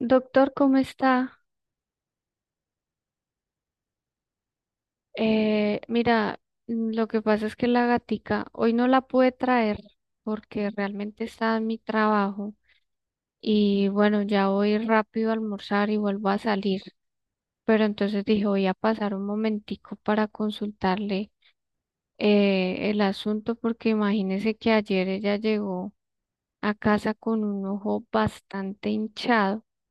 Doctor, ¿cómo está? Eh, mira, lo que pasa es que la gatica hoy no la pude traer porque realmente está en mi trabajo y bueno, ya voy rápido a almorzar y vuelvo a salir. Pero entonces dije, voy a pasar un momentico para consultarle el asunto porque imagínese que ayer ella llegó a casa con un ojo bastante hinchado, o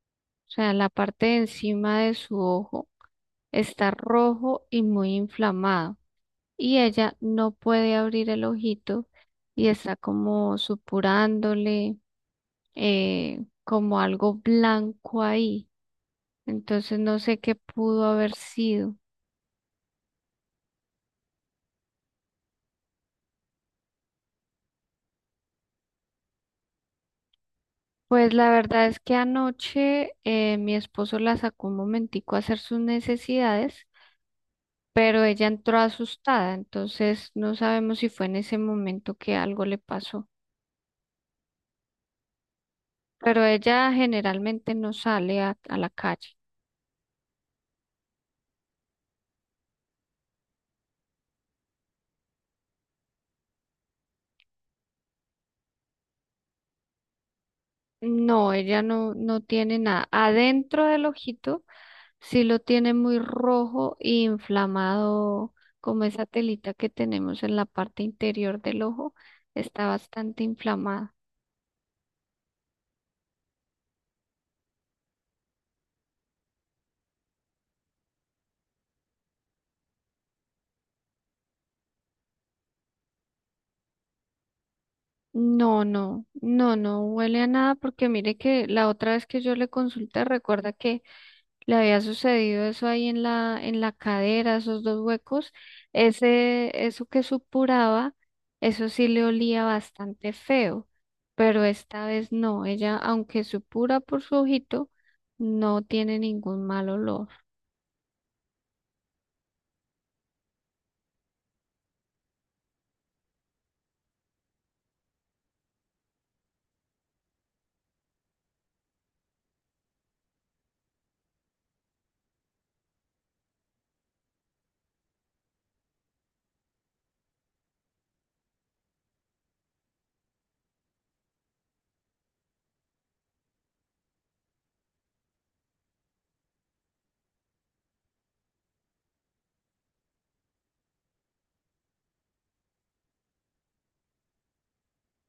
sea, la parte de encima de su ojo está rojo y muy inflamado. Y ella no puede abrir el ojito y está como supurándole como algo blanco ahí. Entonces no sé qué pudo haber sido. Pues la verdad es que anoche mi esposo la sacó un momentico a hacer sus necesidades, pero ella entró asustada, entonces no sabemos si fue en ese momento que algo le pasó. Pero ella generalmente no sale a la calle. No, ella no, no tiene nada. Adentro del ojito sí lo tiene muy rojo e inflamado, como esa telita que tenemos en la parte interior del ojo, está bastante inflamada. No, no, no, no huele a nada porque mire que la otra vez que yo le consulté, recuerda que le había sucedido eso ahí en la cadera, esos dos huecos, ese, eso que supuraba, eso sí le olía bastante feo, pero esta vez no, ella, aunque supura por su ojito, no tiene ningún mal olor.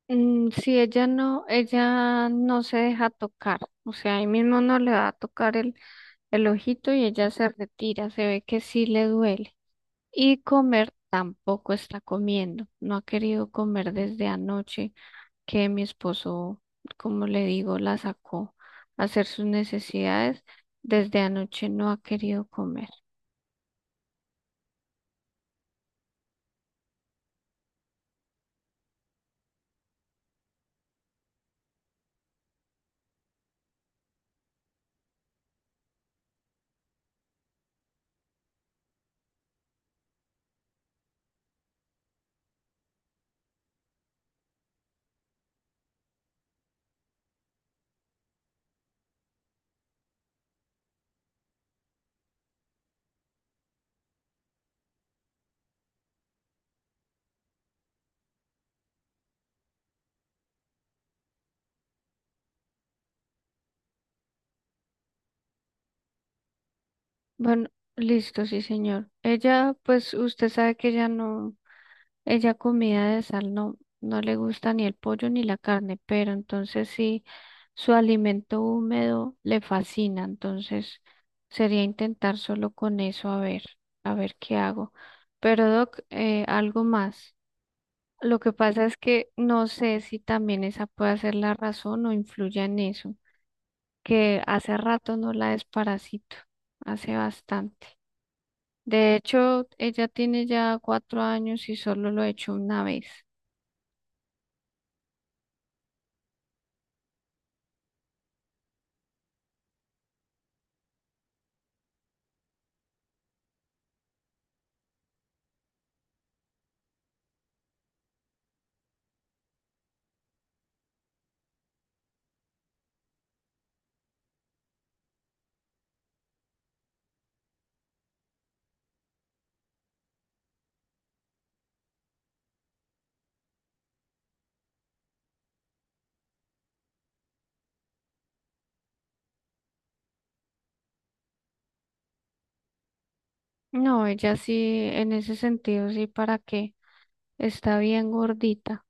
Mm, sí, ella no se deja tocar, o sea, ahí mismo no le va a tocar el ojito y ella se retira, se ve que sí le duele. Y comer tampoco está comiendo, no ha querido comer desde anoche que mi esposo, como le digo, la sacó a hacer sus necesidades. Desde anoche no ha querido comer. Bueno, listo, sí, señor. Ella, pues usted sabe que ella no. Ella comida de sal no, no le gusta ni el pollo ni la carne, pero entonces sí, su alimento húmedo le fascina, entonces sería intentar solo con eso a ver qué hago. Pero Doc, algo más. Lo que pasa es que no sé si también esa puede ser la razón o influya en eso, que hace rato no la desparasito, hace bastante. De hecho, ella tiene ya 4 años y solo lo he hecho una vez. No, ella sí, en ese sentido, sí, ¿para qué? Está bien gordita.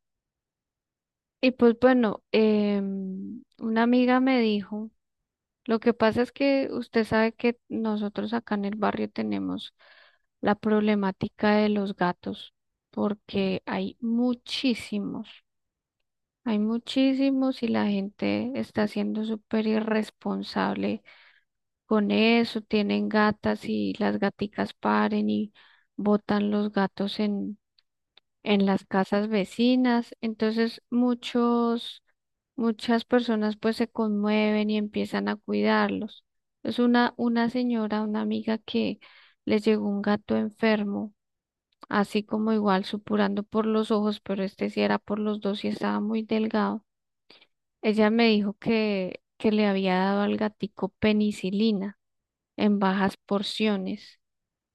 Y pues bueno, una amiga me dijo, lo que pasa es que usted sabe que nosotros acá en el barrio tenemos la problemática de los gatos, porque hay muchísimos y la gente está siendo súper irresponsable con eso, tienen gatas y las gaticas paren y botan los gatos en las casas vecinas. Entonces muchas personas pues se conmueven y empiezan a cuidarlos. Es una señora, una amiga que les llegó un gato enfermo, así como igual supurando por los ojos, pero este sí era por los dos y estaba muy delgado. Ella me dijo que le había dado al gatico penicilina en bajas porciones.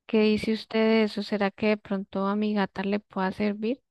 ¿Qué dice usted de eso? ¿Será que de pronto a mi gata le pueda servir?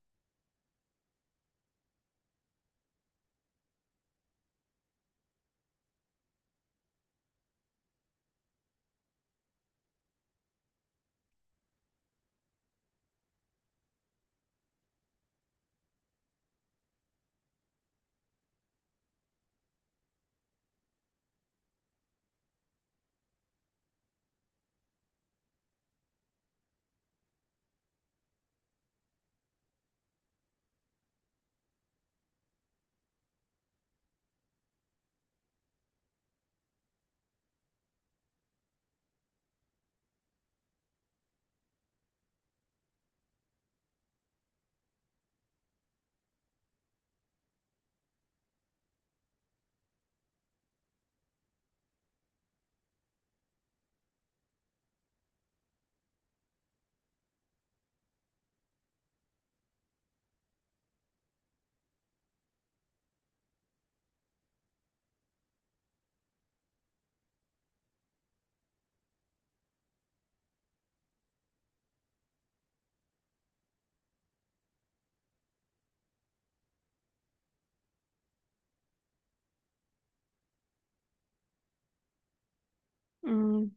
Mm,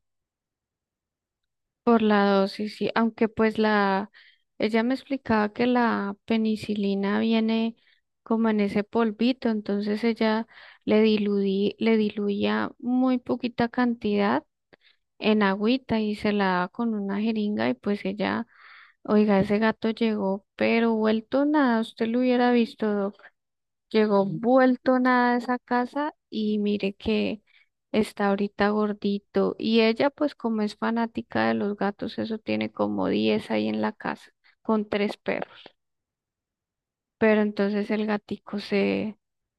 por la dosis, sí, aunque pues la, ella me explicaba que la penicilina viene como en ese polvito, entonces ella le diluí, le diluía muy poquita cantidad en agüita y se la daba con una jeringa y pues ella, oiga, ese gato llegó, pero vuelto nada, usted lo hubiera visto, llegó vuelto nada a esa casa y mire que está ahorita gordito. Y ella, pues como es fanática de los gatos, eso tiene como 10 ahí en la casa, con tres perros. Pero entonces el gatico se,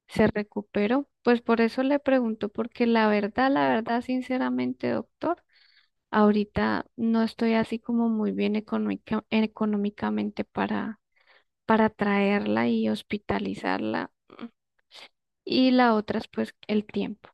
se recuperó. Pues por eso le pregunto, porque la verdad, sinceramente, doctor, ahorita no estoy así como muy bien económicamente para traerla y hospitalizarla. Y la otra es pues el tiempo.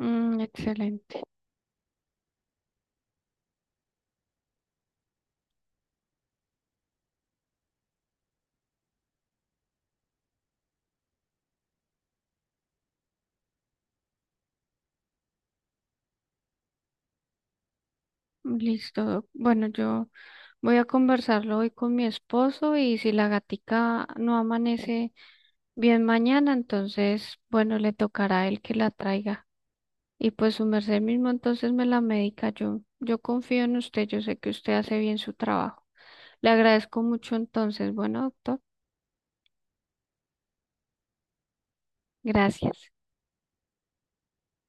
Mm, excelente. Listo. Doc. Bueno, yo voy a conversarlo hoy con mi esposo y si la gatica no amanece bien mañana, entonces, bueno, le tocará a él que la traiga. Y pues su merced mismo entonces me la medica. Yo confío en usted, yo sé que usted hace bien su trabajo. Le agradezco mucho entonces. Bueno, doctor, gracias.